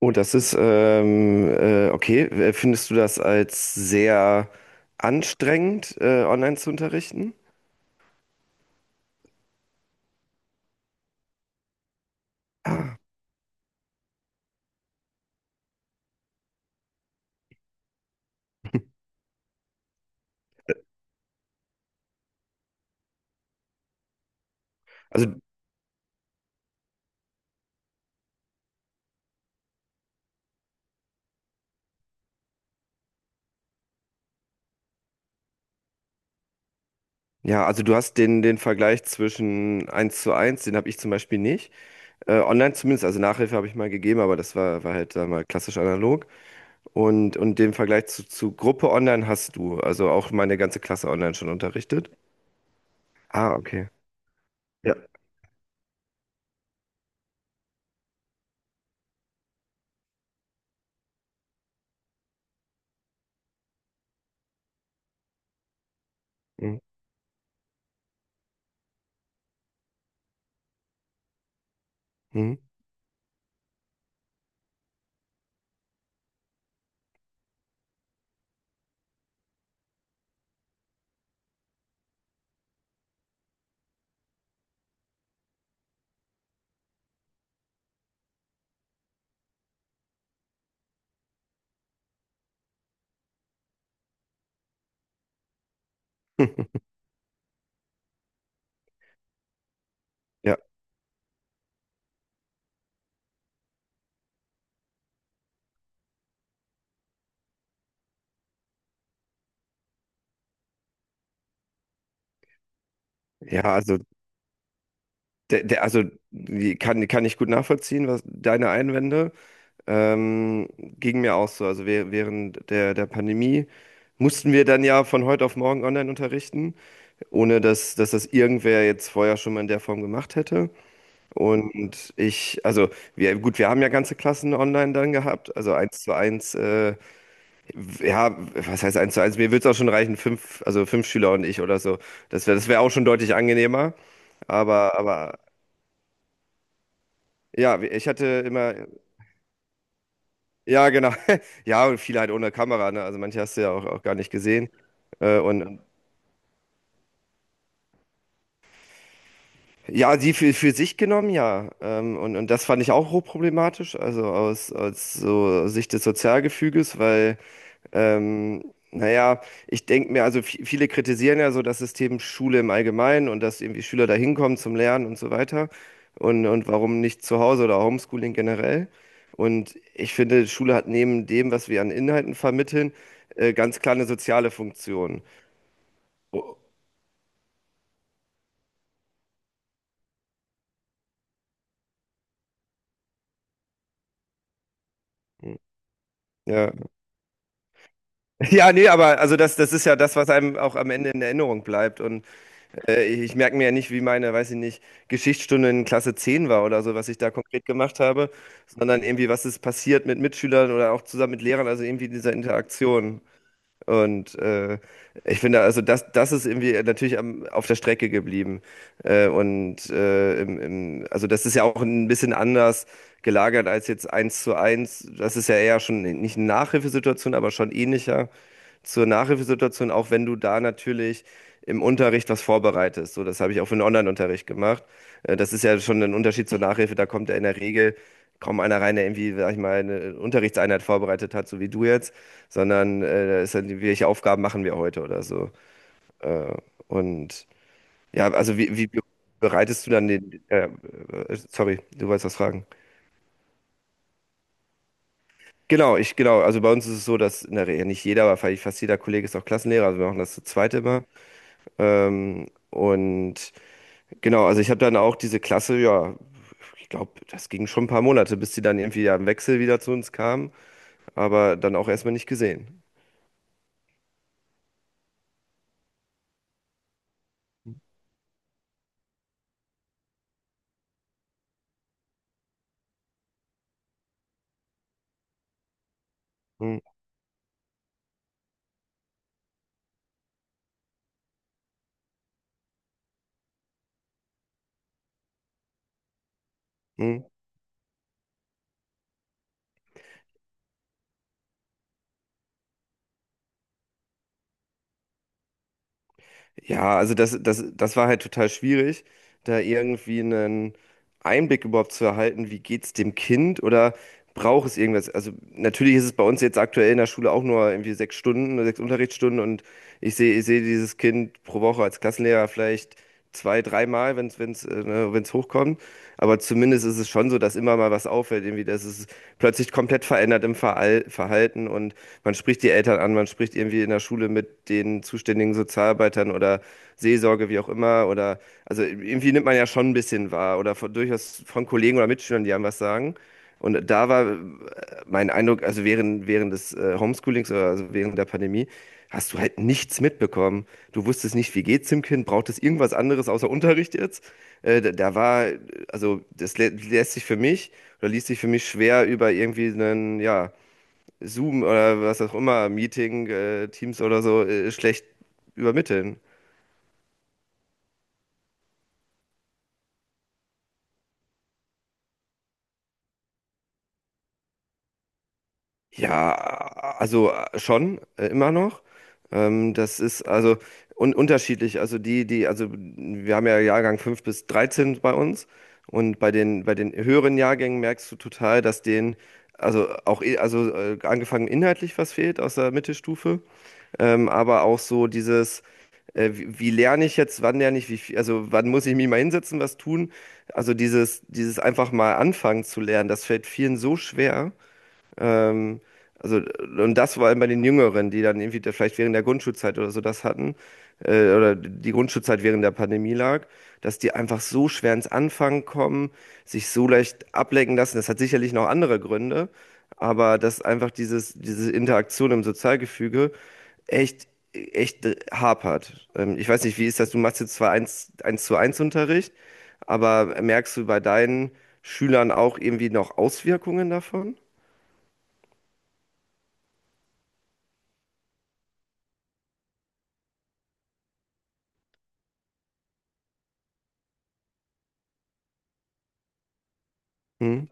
Oh, das ist, okay. Findest du das als sehr anstrengend, online zu unterrichten? Ah. Also, ja, also du hast den Vergleich zwischen eins zu eins, den habe ich zum Beispiel nicht. Online zumindest, also Nachhilfe habe ich mal gegeben, aber das war halt da mal klassisch analog. Und den Vergleich zu Gruppe online hast du, also auch meine ganze Klasse online schon unterrichtet. Ah, okay. Ja. Mhm. Mhm. Ja, ja, also Der, der, also die kann, kann ich gut nachvollziehen, was deine Einwände ging mir auch so. Also während der Pandemie mussten wir dann ja von heute auf morgen online unterrichten, ohne dass das irgendwer jetzt vorher schon mal in der Form gemacht hätte. Und ich, also wir, gut, wir haben ja ganze Klassen online dann gehabt, also eins zu eins, ja, was heißt eins zu eins? Mir würde es auch schon reichen, fünf, also fünf Schüler und ich oder so. Das wäre auch schon deutlich angenehmer. Aber ja, ich hatte immer, ja, genau. Ja, und viele halt ohne Kamera, ne? Also manche hast du ja auch, auch gar nicht gesehen. Und ja, die für sich genommen, ja. Und das fand ich auch hochproblematisch, also aus, aus so Sicht des Sozialgefüges, weil. Ähm, naja, ich denke mir, also viele kritisieren ja so das System Schule im Allgemeinen und dass irgendwie Schüler da hinkommen zum Lernen und so weiter. Und warum nicht zu Hause oder Homeschooling generell? Und ich finde, Schule hat neben dem, was wir an Inhalten vermitteln, ganz klar eine soziale Funktion. Oh, ja. Ja, nee, aber also das, das ist ja das, was einem auch am Ende in Erinnerung bleibt. Ich merke mir ja nicht, wie meine, weiß ich nicht, Geschichtsstunde in Klasse 10 war oder so, was ich da konkret gemacht habe, sondern irgendwie, was ist passiert mit Mitschülern oder auch zusammen mit Lehrern, also irgendwie diese Interaktion. Und äh, Ich finde, also das, das ist irgendwie natürlich am, auf der Strecke geblieben. Also das ist ja auch ein bisschen anders gelagert als jetzt eins zu eins. Das ist ja eher schon nicht eine Nachhilfesituation, aber schon ähnlicher zur Nachhilfesituation, auch wenn du da natürlich im Unterricht was vorbereitest. So, das habe ich auch für den Online-Unterricht gemacht. Das ist ja schon ein Unterschied zur Nachhilfe. Da kommt ja in der Regel kaum einer rein, der irgendwie, sag ich mal, eine Unterrichtseinheit vorbereitet hat, so wie du jetzt, sondern da ist dann, welche Aufgaben machen wir heute oder so. Äh, und ja, also wie, wie bereitest du dann den, sorry, du wolltest was fragen. Genau, ich, genau. Also bei uns ist es so, dass in der Regel ja, nicht jeder, aber vielleicht fast jeder Kollege ist auch Klassenlehrer. Also wir machen das zu zweit immer. Ähm, und genau, also ich habe dann auch diese Klasse, ja, ich glaube, das ging schon ein paar Monate, bis sie dann irgendwie ja im Wechsel wieder zu uns kam, aber dann auch erstmal nicht gesehen. Hm, hm. Ja, also das war halt total schwierig, da irgendwie einen Einblick überhaupt zu erhalten, wie geht's dem Kind oder braucht es irgendwas? Also natürlich ist es bei uns jetzt aktuell in der Schule auch nur irgendwie sechs Stunden oder sechs Unterrichtsstunden und ich sehe dieses Kind pro Woche als Klassenlehrer vielleicht zwei, dreimal, wenn es ne, wenn es hochkommt. Aber zumindest ist es schon so, dass immer mal was auffällt, irgendwie, dass es plötzlich komplett verändert im Verhalten und man spricht die Eltern an, man spricht irgendwie in der Schule mit den zuständigen Sozialarbeitern oder Seelsorge, wie auch immer, oder also irgendwie nimmt man ja schon ein bisschen wahr oder von, durchaus von Kollegen oder Mitschülern, die einem was sagen. Und da war, mein Eindruck, also während des Homeschoolings oder also während der Pandemie, hast du halt nichts mitbekommen. Du wusstest nicht, wie geht's dem Kind, braucht es irgendwas anderes außer Unterricht jetzt? Äh, da, da war, äh, also das lä lässt sich für mich oder ließ sich für mich schwer über irgendwie einen, ja, Zoom oder was auch immer, Meeting, Teams oder so, schlecht übermitteln. Ja, also schon, immer noch. Das ist also un unterschiedlich. Also die, die, also wir haben ja Jahrgang 5 bis 13 bei uns. Und bei den höheren Jahrgängen merkst du total, dass denen, also auch, angefangen inhaltlich was fehlt aus der Mittelstufe, aber auch so dieses, wie, wie lerne ich jetzt, wann lerne ich, wie viel, also wann muss ich mich mal hinsetzen, was tun? Also dieses, dieses einfach mal anfangen zu lernen, das fällt vielen so schwer. Ähm, also, und das vor allem bei den Jüngeren, die dann irgendwie da vielleicht während der Grundschulzeit oder so das hatten, oder die Grundschulzeit während der Pandemie lag, dass die einfach so schwer ins Anfangen kommen, sich so leicht ablenken lassen. Das hat sicherlich noch andere Gründe, aber dass einfach dieses, diese Interaktion im Sozialgefüge echt, echt hapert. Ich weiß nicht, wie ist das? Du machst jetzt zwar eins zu eins Unterricht, aber merkst du bei deinen Schülern auch irgendwie noch Auswirkungen davon? Hm?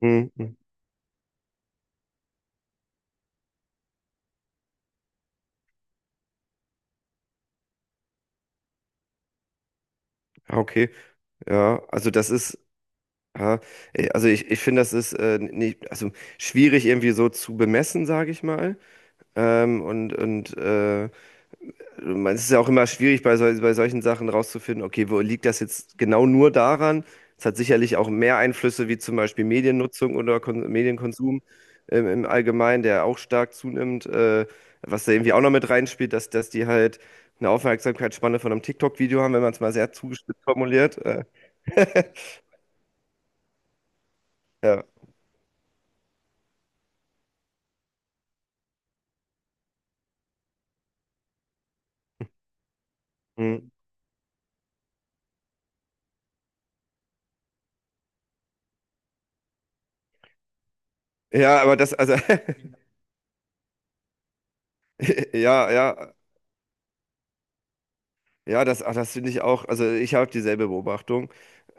Hm, hm. Ah, okay, ja, also das ist, ja, also ich finde, das ist nicht, also schwierig irgendwie so zu bemessen, sage ich mal. Ähm, und und äh, Es ist ja auch immer schwierig bei, sol bei solchen Sachen rauszufinden, okay, wo liegt das jetzt genau nur daran? Es hat sicherlich auch mehr Einflüsse wie zum Beispiel Mediennutzung oder Kon Medienkonsum im, im Allgemeinen, der auch stark zunimmt, was da irgendwie auch noch mit reinspielt, dass, dass die halt eine Aufmerksamkeitsspanne von einem TikTok-Video haben, wenn man es mal sehr zugespitzt formuliert. Ja. Hm. Ja, aber das, also, ja, ja, ja, das, ach, das finde ich auch, also ich habe dieselbe Beobachtung.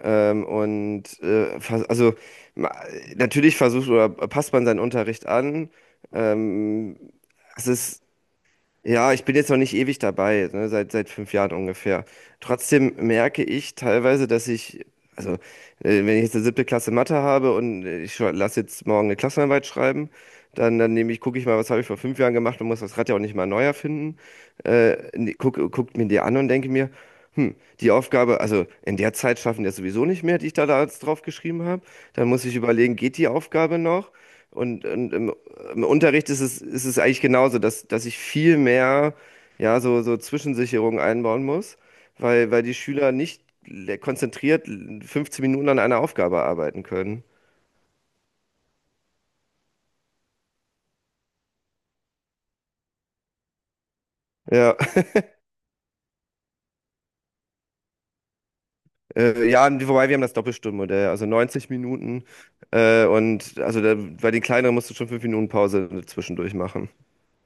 Ähm, und äh, vers- also ma- Natürlich versucht oder passt man seinen Unterricht an. Ähm, es ist Ja, ich bin jetzt noch nicht ewig dabei, ne, seit fünf Jahren ungefähr. Trotzdem merke ich teilweise, dass ich, also äh, wenn ich jetzt eine siebte Klasse Mathe habe und lass jetzt morgen eine Klassenarbeit schreiben, dann nehme ich, gucke ich mal, was habe ich vor fünf Jahren gemacht und muss das Rad ja auch nicht mal neu erfinden. Guckt mir die an und denke mir, hm, die Aufgabe, also in der Zeit schaffen wir sowieso nicht mehr, die ich da jetzt drauf geschrieben habe. Dann muss ich überlegen, geht die Aufgabe noch? Und, und im, Im Unterricht ist es eigentlich genauso, dass ich viel mehr, ja, so Zwischensicherungen einbauen muss, weil die Schüler nicht konzentriert 15 Minuten an einer Aufgabe arbeiten können. Ja, ja, wobei wir haben das Doppelstundenmodell, also 90 Minuten und also da, bei den kleineren musst du schon 5 Minuten Pause zwischendurch machen.